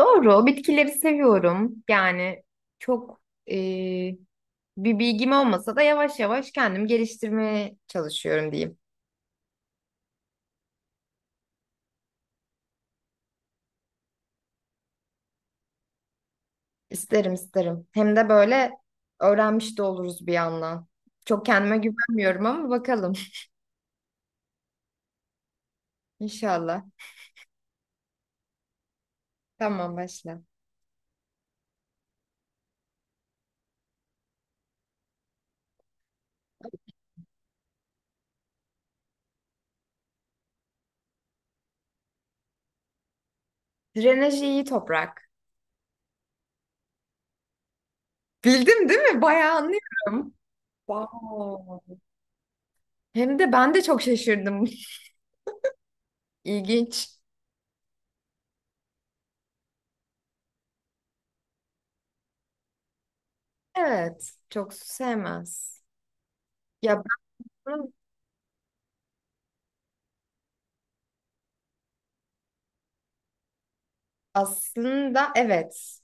Doğru, bitkileri seviyorum. Yani çok eee, bir bilgim olmasa da yavaş yavaş kendim geliştirmeye çalışıyorum diyeyim. İsterim isterim. Hem de böyle öğrenmiş de oluruz bir yandan. Çok kendime güvenmiyorum ama bakalım. İnşallah. Tamam başla. Drenajı iyi toprak. Bildim değil mi? Bayağı anlıyorum. Wow. Hem de ben de çok şaşırdım. İlginç. Evet, çok su sevmez. Ya ben bunu Aslında evet.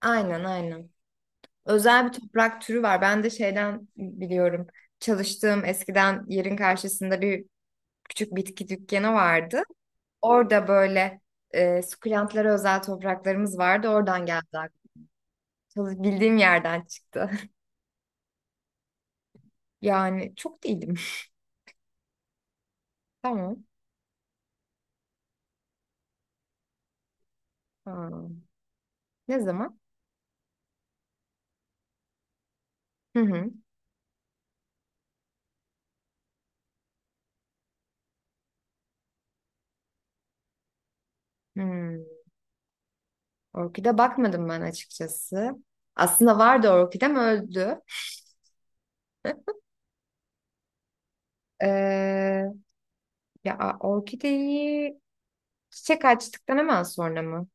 Aynen aynen. Özel bir toprak türü var. Ben de şeyden biliyorum. Çalıştığım eskiden yerin karşısında bir küçük bitki dükkanı vardı. Orada böyle sukulentlara özel topraklarımız vardı. Oradan geldi aklıma. Bildiğim yerden çıktı. Yani çok değilim. Tamam. Ha, ne zaman? Hı hı. Hmm. Orkide bakmadım ben açıkçası. Aslında vardı, orkidem öldü. Ee, ya orkideyi Çiçek açtıktan hemen sonra mı?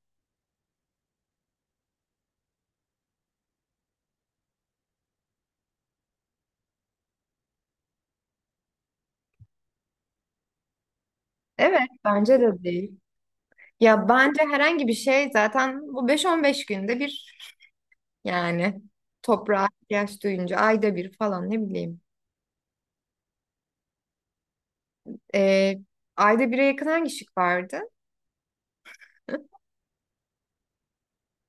Evet, bence de değil. Ya bence herhangi bir şey zaten bu beş on beş günde bir yani toprağa ihtiyaç duyunca ayda bir falan ne bileyim. Ee, ayda bire yakın hangi şık vardı?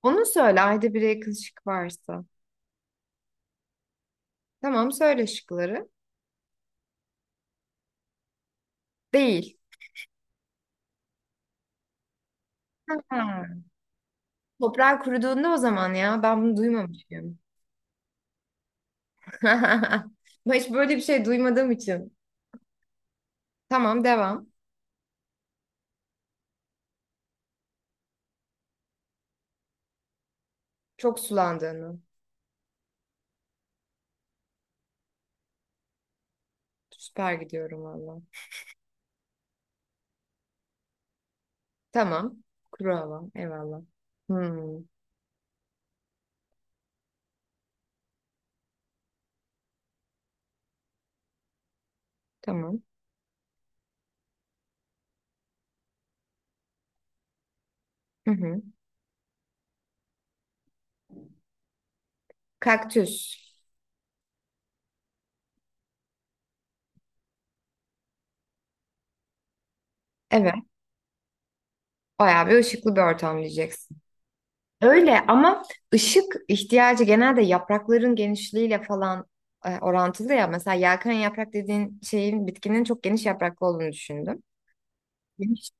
Onu söyle, ayda bire yakın şık varsa. Tamam, söyle şıkları. Değil. Ha. Toprağa kuruduğunda o zaman, ya ben bunu duymamışım. Ben hiç böyle bir şey duymadığım için. Tamam, devam. Çok sulandığını. Süper gidiyorum valla. Tamam. Kuru hava. Eyvallah. Hmm, tamam. Hı hı. Kaktüs. Evet. Bayağı bir ışıklı bir ortam diyeceksin. Öyle ama ışık ihtiyacı genelde yaprakların genişliğiyle falan orantılı ya. Mesela yelken yaprak dediğin şeyin, bitkinin çok geniş yapraklı olduğunu düşündüm. Geniş.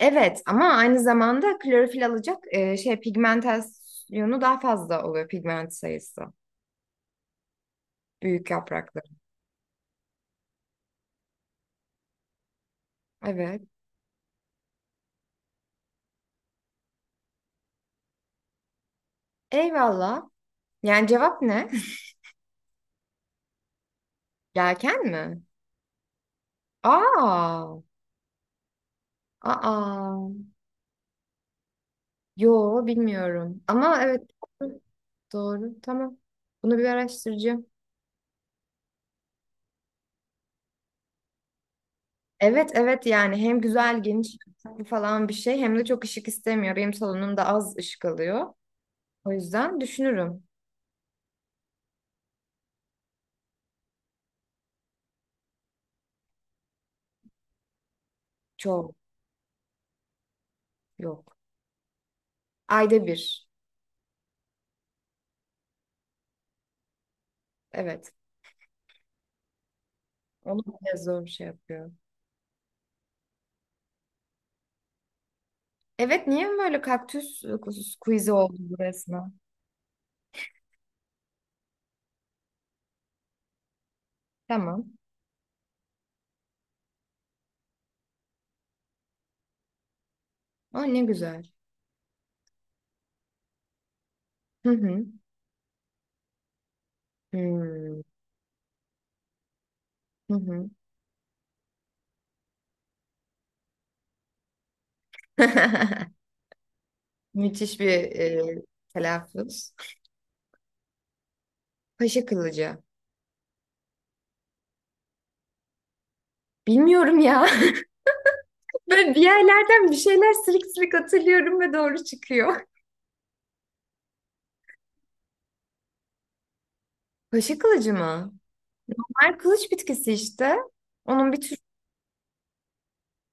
Evet ama aynı zamanda klorofil alacak pigmentasyonu daha fazla oluyor, pigment sayısı. Büyük yapraklı. Evet. Eyvallah. Yani cevap ne? Yelken mi? Aa, aa. Yo, bilmiyorum. Ama evet, doğru. Tamam. Bunu bir araştıracağım. Evet evet, yani hem güzel geniş falan bir şey, hem de çok ışık istemiyor. Benim salonumda az ışık alıyor. O yüzden düşünürüm. Çok yok. Ayda bir. Evet. Onu bile zor şey yapıyor. Evet, niye böyle kaktüs quiz'i oldu burasına? Tamam. Aa ne güzel. Hı hı. Hmm. Hı hı. Müthiş bir telaffuz. Paşa kılıcı. Bilmiyorum ya. Böyle bir yerlerden bir şeyler silik silik hatırlıyorum ve doğru çıkıyor. Paşa kılıcı mı? Mer kılıç bitkisi işte. Onun bir tür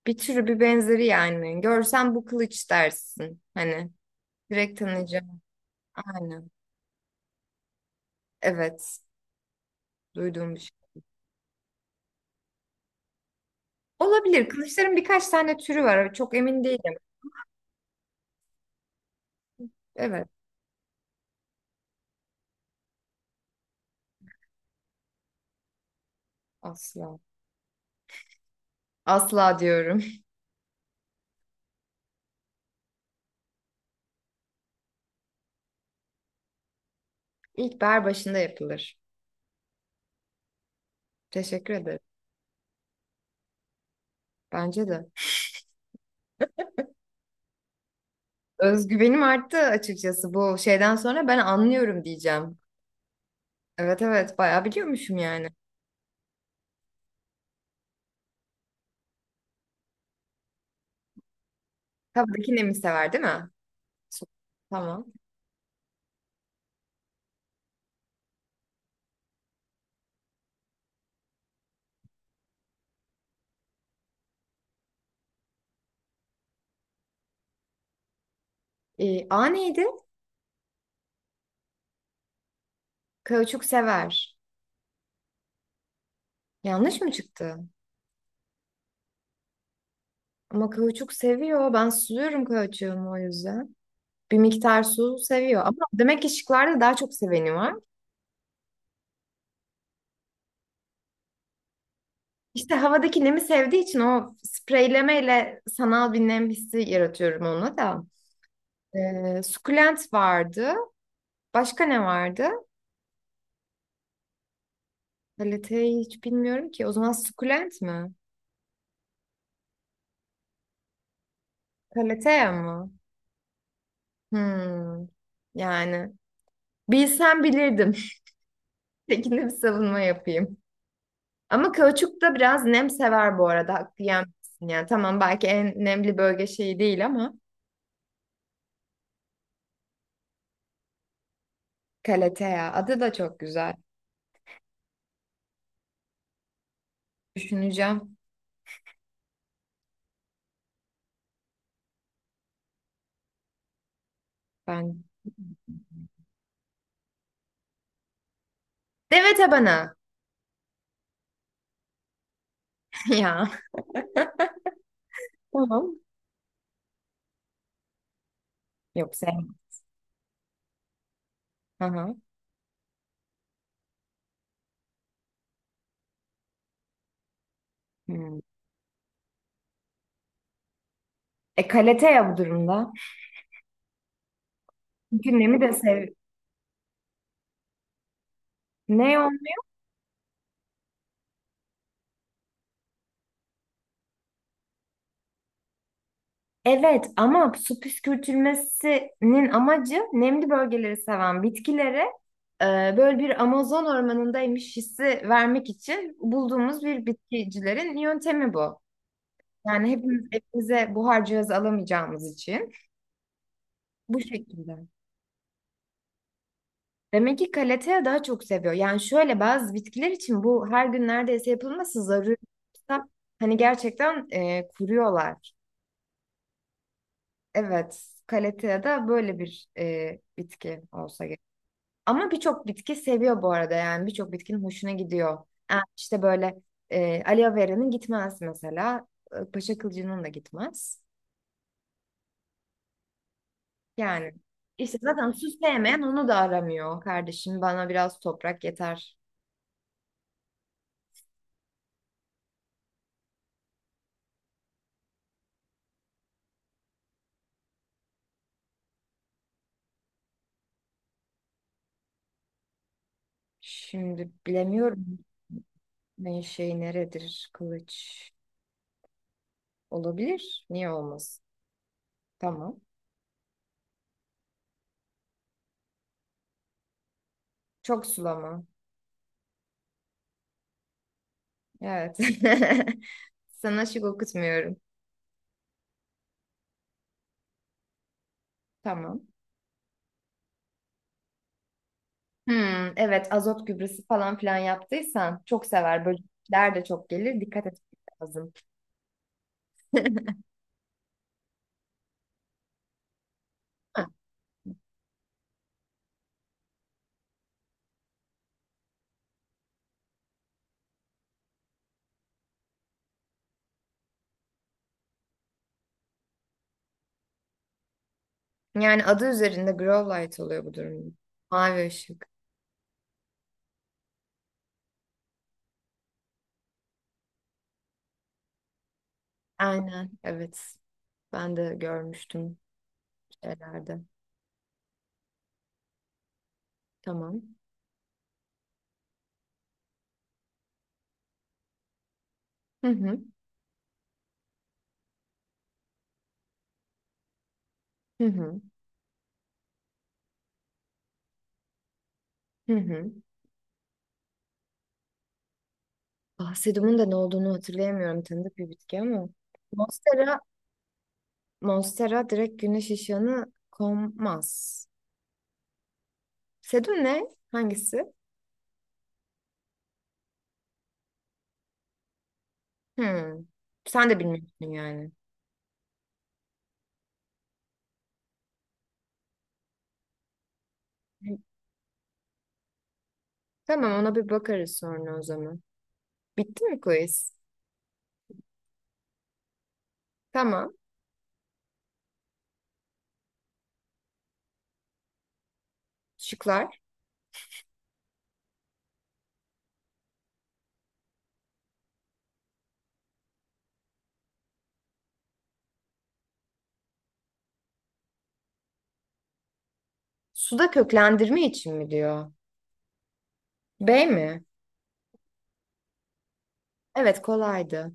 Bir türü, bir benzeri yani. Görsen bu kılıç dersin. Hani direkt tanıyacağım. Aynen. Evet. Duyduğum bir şey. Olabilir. Kılıçların birkaç tane türü var. Çok emin değilim. Evet. Asla. Asla diyorum. İlkbahar başında yapılır. Teşekkür ederim. Bence de. Özgüvenim arttı açıkçası, bu şeyden sonra ben anlıyorum diyeceğim. Evet evet, bayağı biliyormuşum yani. Kabadaki nemi sever değil mi? Su- Tamam. A neydi? Kauçuk sever. Yanlış mı çıktı? Ama kauçuk seviyor. Ben suluyorum kauçuğumu o yüzden. Bir miktar su seviyor. Ama demek ki şıklarda daha çok seveni var. İşte havadaki nemi sevdiği için o spreylemeyle sanal bir nem hissi yaratıyorum ona da. Sukulent vardı. Başka ne vardı? Kaliteyi hiç bilmiyorum ki. O zaman sukulent mi? Kaliteye mı? Hmm. Yani bilsem bilirdim. Tekinde bir savunma yapayım. Ama kauçuk da biraz nem sever bu arada. Haklı yenmezsin yani. Tamam, belki en nemli bölge şeyi değil ama kaletea. Adı da çok güzel. Düşüneceğim ben. Deve tabanı. Ya. Tamam. Yok, sevmem. Hı hı. Hmm. E kaletea bu durumda. Çünkü nemi de sev... Ne o? Evet ama su püskürtülmesinin amacı, nemli bölgeleri seven bitkilere böyle bir Amazon ormanındaymış hissi vermek için bulduğumuz bir bitkicilerin yöntemi bu. Yani hepimiz evimize buhar cihazı alamayacağımız için bu şekilde. Demek ki kalatea daha çok seviyor. Yani şöyle, bazı bitkiler için bu her gün neredeyse yapılması zaruri. Hani gerçekten kuruyorlar. Evet, kalatea da böyle bir bitki olsa gerek. Ama birçok bitki seviyor bu arada, yani birçok bitkinin hoşuna gidiyor. Yani işte böyle aloe vera'nın gitmez mesela. Paşa kılıcının da gitmez. Yani işte zaten su sevmeyen onu da aramıyor kardeşim. Bana biraz toprak yeter. Şimdi bilemiyorum ne şey neredir kılıç. Olabilir. Niye olmaz? Tamam. Çok sulama. Evet. Sana şık okutmuyorum. Tamam. Hmm, evet, azot gübresi falan filan yaptıysan çok sever. Böcekler de çok gelir. Dikkat etmek lazım. Ha, yani adı üzerinde grow light oluyor bu durumda. Mavi ışık. Aynen evet. Ben de görmüştüm şeylerde. Tamam. Hı hı. Hı hı. Hı hı. Ah, sedumun da ne olduğunu hatırlayamıyorum. Tanıdık bir bitki ama. Monstera, Monstera direkt güneş ışığını kommaz. Sedum ne? Hangisi? Hmm. Sen de bilmiyorsun yani. Tamam, ona bir bakarız sonra o zaman. Bitti mi quiz? Tamam. Şıklar. Suda köklendirme için mi diyor? B mi? Evet kolaydı.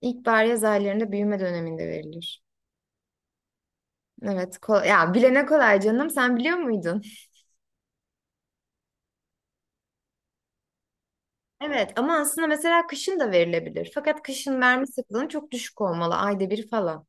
İlkbahar yaz aylarında büyüme döneminde verilir. Evet, kol ya bilene kolay canım, sen biliyor muydun? Evet ama aslında mesela kışın da verilebilir. Fakat kışın verme sıklığının çok düşük olmalı. Ayda bir falan.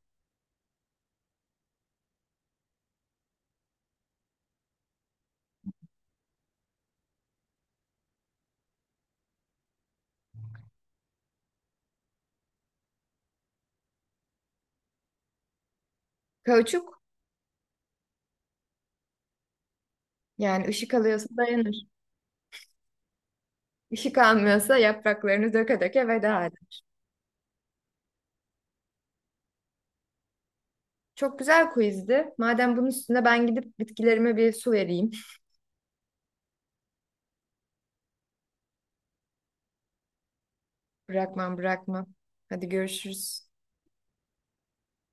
Kauçuk yani ışık alıyorsa dayanır. Işık almıyorsa yapraklarını döke döke veda. Çok güzel quizdi. Madem bunun üstüne ben gidip bitkilerime bir su vereyim. Bırakmam bırakmam. Hadi görüşürüz.